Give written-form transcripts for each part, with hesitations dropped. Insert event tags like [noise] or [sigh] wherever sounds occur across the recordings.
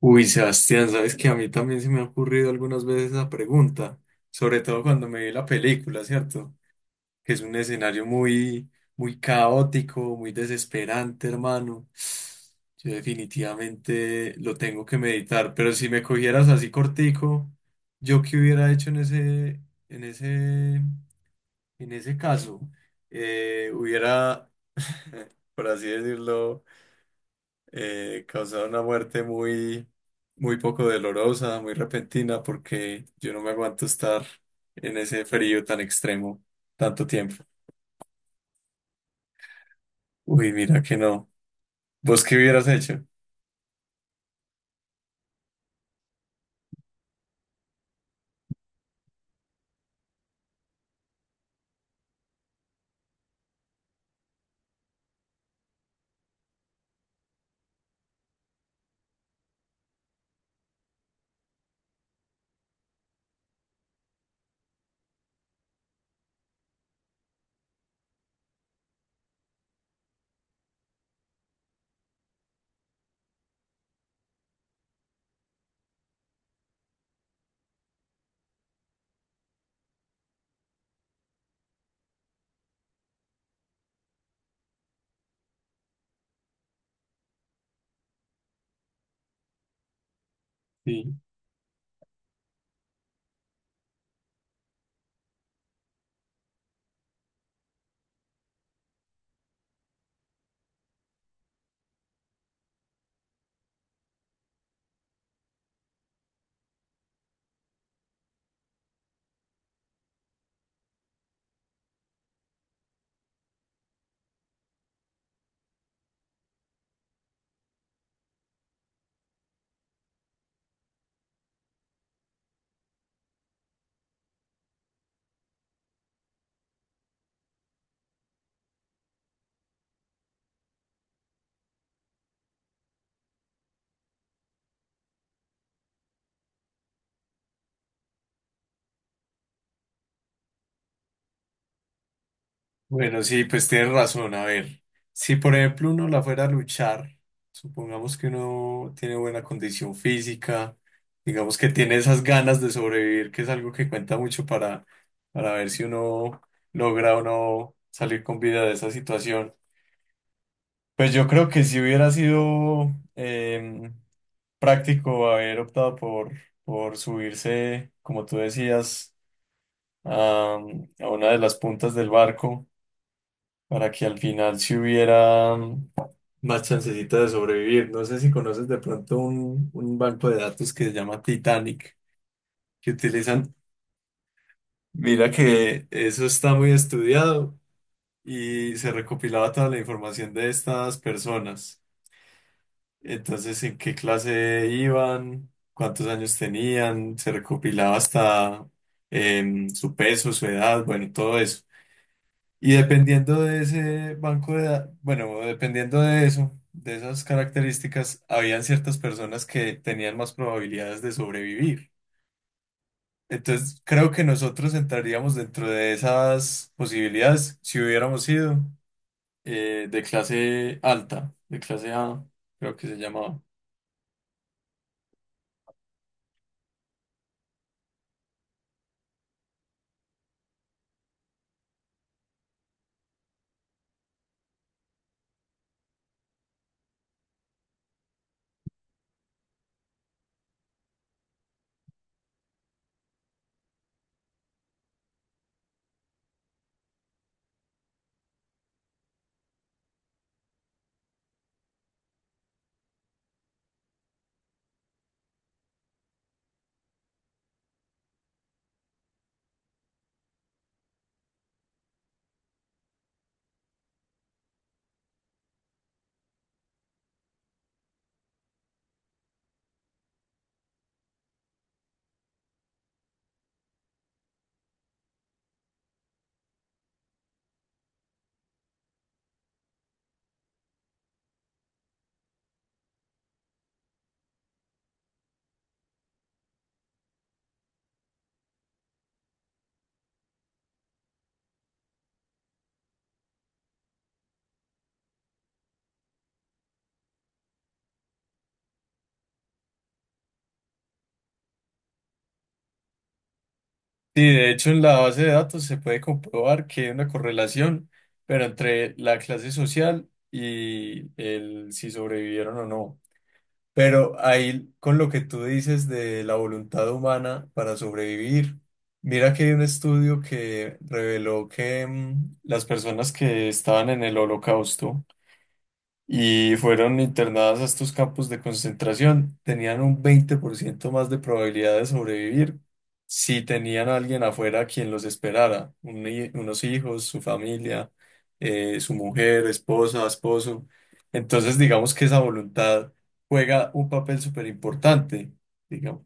Uy, Sebastián, sabes que a mí también se me ha ocurrido algunas veces esa pregunta, sobre todo cuando me vi la película, ¿cierto? Que es un escenario muy, muy caótico, muy desesperante, hermano. Yo definitivamente lo tengo que meditar, pero si me cogieras así cortico, ¿yo qué hubiera hecho en en ese, ese caso? Eh, hubiera, [laughs] por así decirlo, causado una muerte muy, muy poco dolorosa, muy repentina, porque yo no me aguanto estar en ese frío tan extremo tanto tiempo. Uy, mira que no. ¿Vos qué hubieras hecho? Sí. Bueno, sí, pues tienes razón. A ver, si por ejemplo uno la fuera a luchar, supongamos que uno tiene buena condición física, digamos que tiene esas ganas de sobrevivir, que es algo que cuenta mucho para ver si uno logra o no salir con vida de esa situación. Pues yo creo que si hubiera sido em, práctico haber optado por subirse, como tú decías, a, a una de las puntas del barco para que al final si hubiera más chancecita de sobrevivir. No sé si conoces de pronto un banco de datos que se llama Titanic, que utilizan. Mira que eso está muy estudiado y se recopilaba toda la información de estas personas. Entonces, ¿en qué clase iban? ¿Cuántos años tenían? Se recopilaba hasta su peso, su edad, bueno, todo eso. Y dependiendo de ese banco de edad, bueno, dependiendo de eso, de esas características, habían ciertas personas que tenían más probabilidades de sobrevivir. Entonces, creo que nosotros entraríamos dentro de esas posibilidades si hubiéramos sido de clase alta, de clase A, creo que se llamaba. Sí, de hecho en la base de datos se puede comprobar que hay una correlación, pero entre la clase social y el si sobrevivieron o no. Pero ahí con lo que tú dices de la voluntad humana para sobrevivir, mira que hay un estudio que reveló que las personas que estaban en el holocausto y fueron internadas a estos campos de concentración, tenían un 20% más de probabilidad de sobrevivir si tenían a alguien afuera quien los esperara, unos hijos, su familia, su mujer, esposa, esposo. Entonces, digamos que esa voluntad juega un papel súper importante, digamos.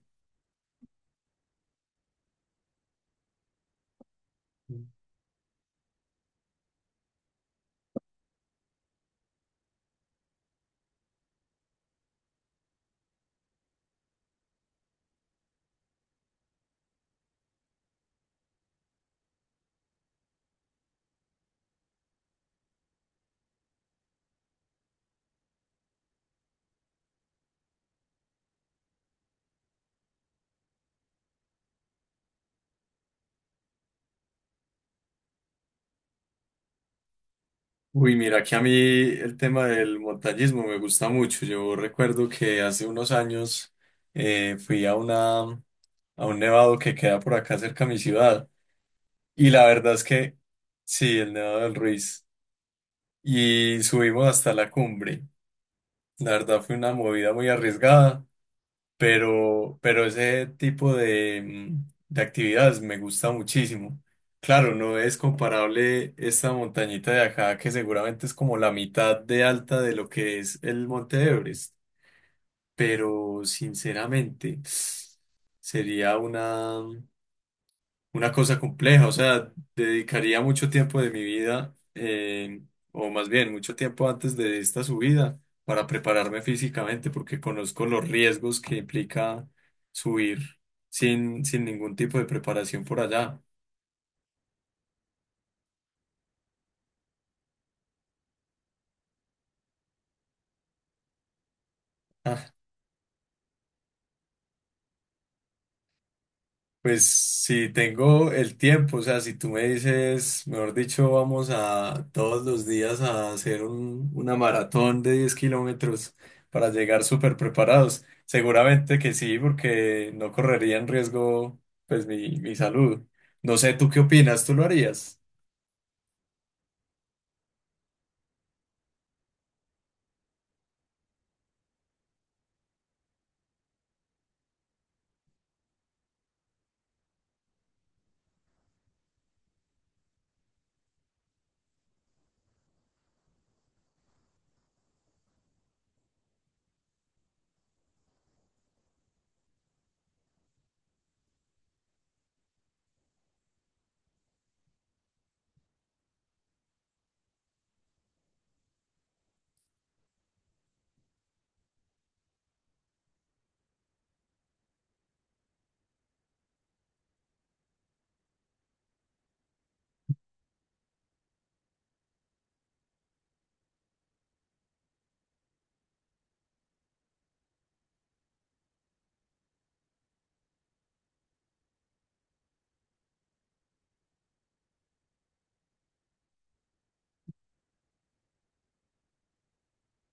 Uy, mira que a mí el tema del montañismo me gusta mucho. Yo recuerdo que hace unos años fui a una a un nevado que queda por acá cerca a mi ciudad. Y la verdad es que sí, el Nevado del Ruiz. Y subimos hasta la cumbre. La verdad fue una movida muy arriesgada, pero ese tipo de, de actividades me gusta muchísimo. Claro, no es comparable esta montañita de acá, que seguramente es como la mitad de alta de lo que es el Monte Everest, pero sinceramente [sniffs] sería una cosa compleja, o sea, dedicaría mucho tiempo de mi vida, o más bien mucho tiempo antes de esta subida, para prepararme físicamente, porque conozco los riesgos que implica subir sin ningún tipo de preparación por allá. [laughs] Pues si tengo el tiempo, o sea, si tú me dices, mejor dicho, vamos a todos los días a hacer una maratón de 10 kilómetros para llegar súper preparados, seguramente que sí, porque no correría en riesgo, pues, mi salud. No sé, ¿tú qué opinas? ¿Tú lo harías?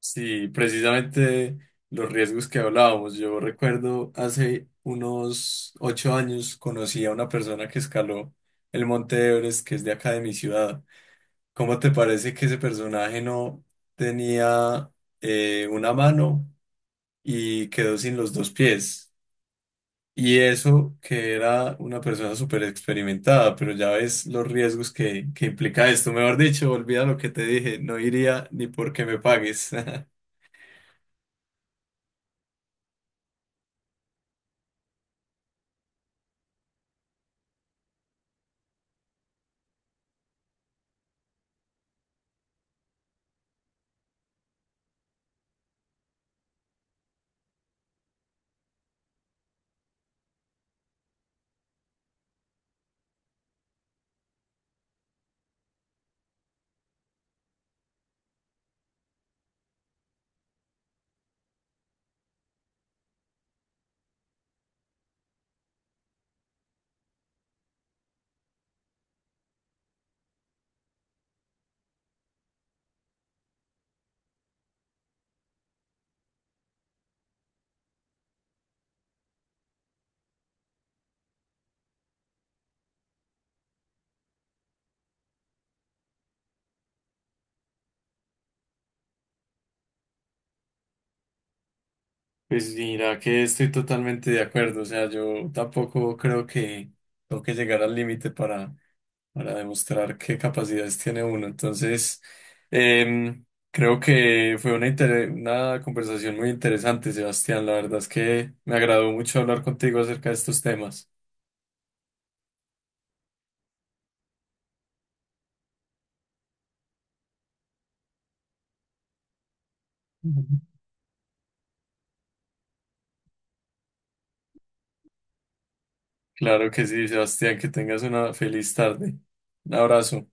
Sí, precisamente los riesgos que hablábamos. Yo recuerdo hace unos 8 años conocí a una persona que escaló el Monte Everest, que es de acá de mi ciudad. ¿Cómo te parece que ese personaje no tenía una mano y quedó sin los dos pies? Y eso que era una persona súper experimentada, pero ya ves los riesgos que implica esto. Mejor dicho, olvida lo que te dije, no iría ni porque me pagues. [laughs] Pues mira que estoy totalmente de acuerdo, o sea, yo tampoco creo que tengo que llegar al límite para demostrar qué capacidades tiene uno. Entonces, em, creo que fue una conversación muy interesante, Sebastián. La verdad es que me agradó mucho hablar contigo acerca de estos temas. Ujú. Claro que sí, Sebastián, que tengas una feliz tarde. Un abrazo.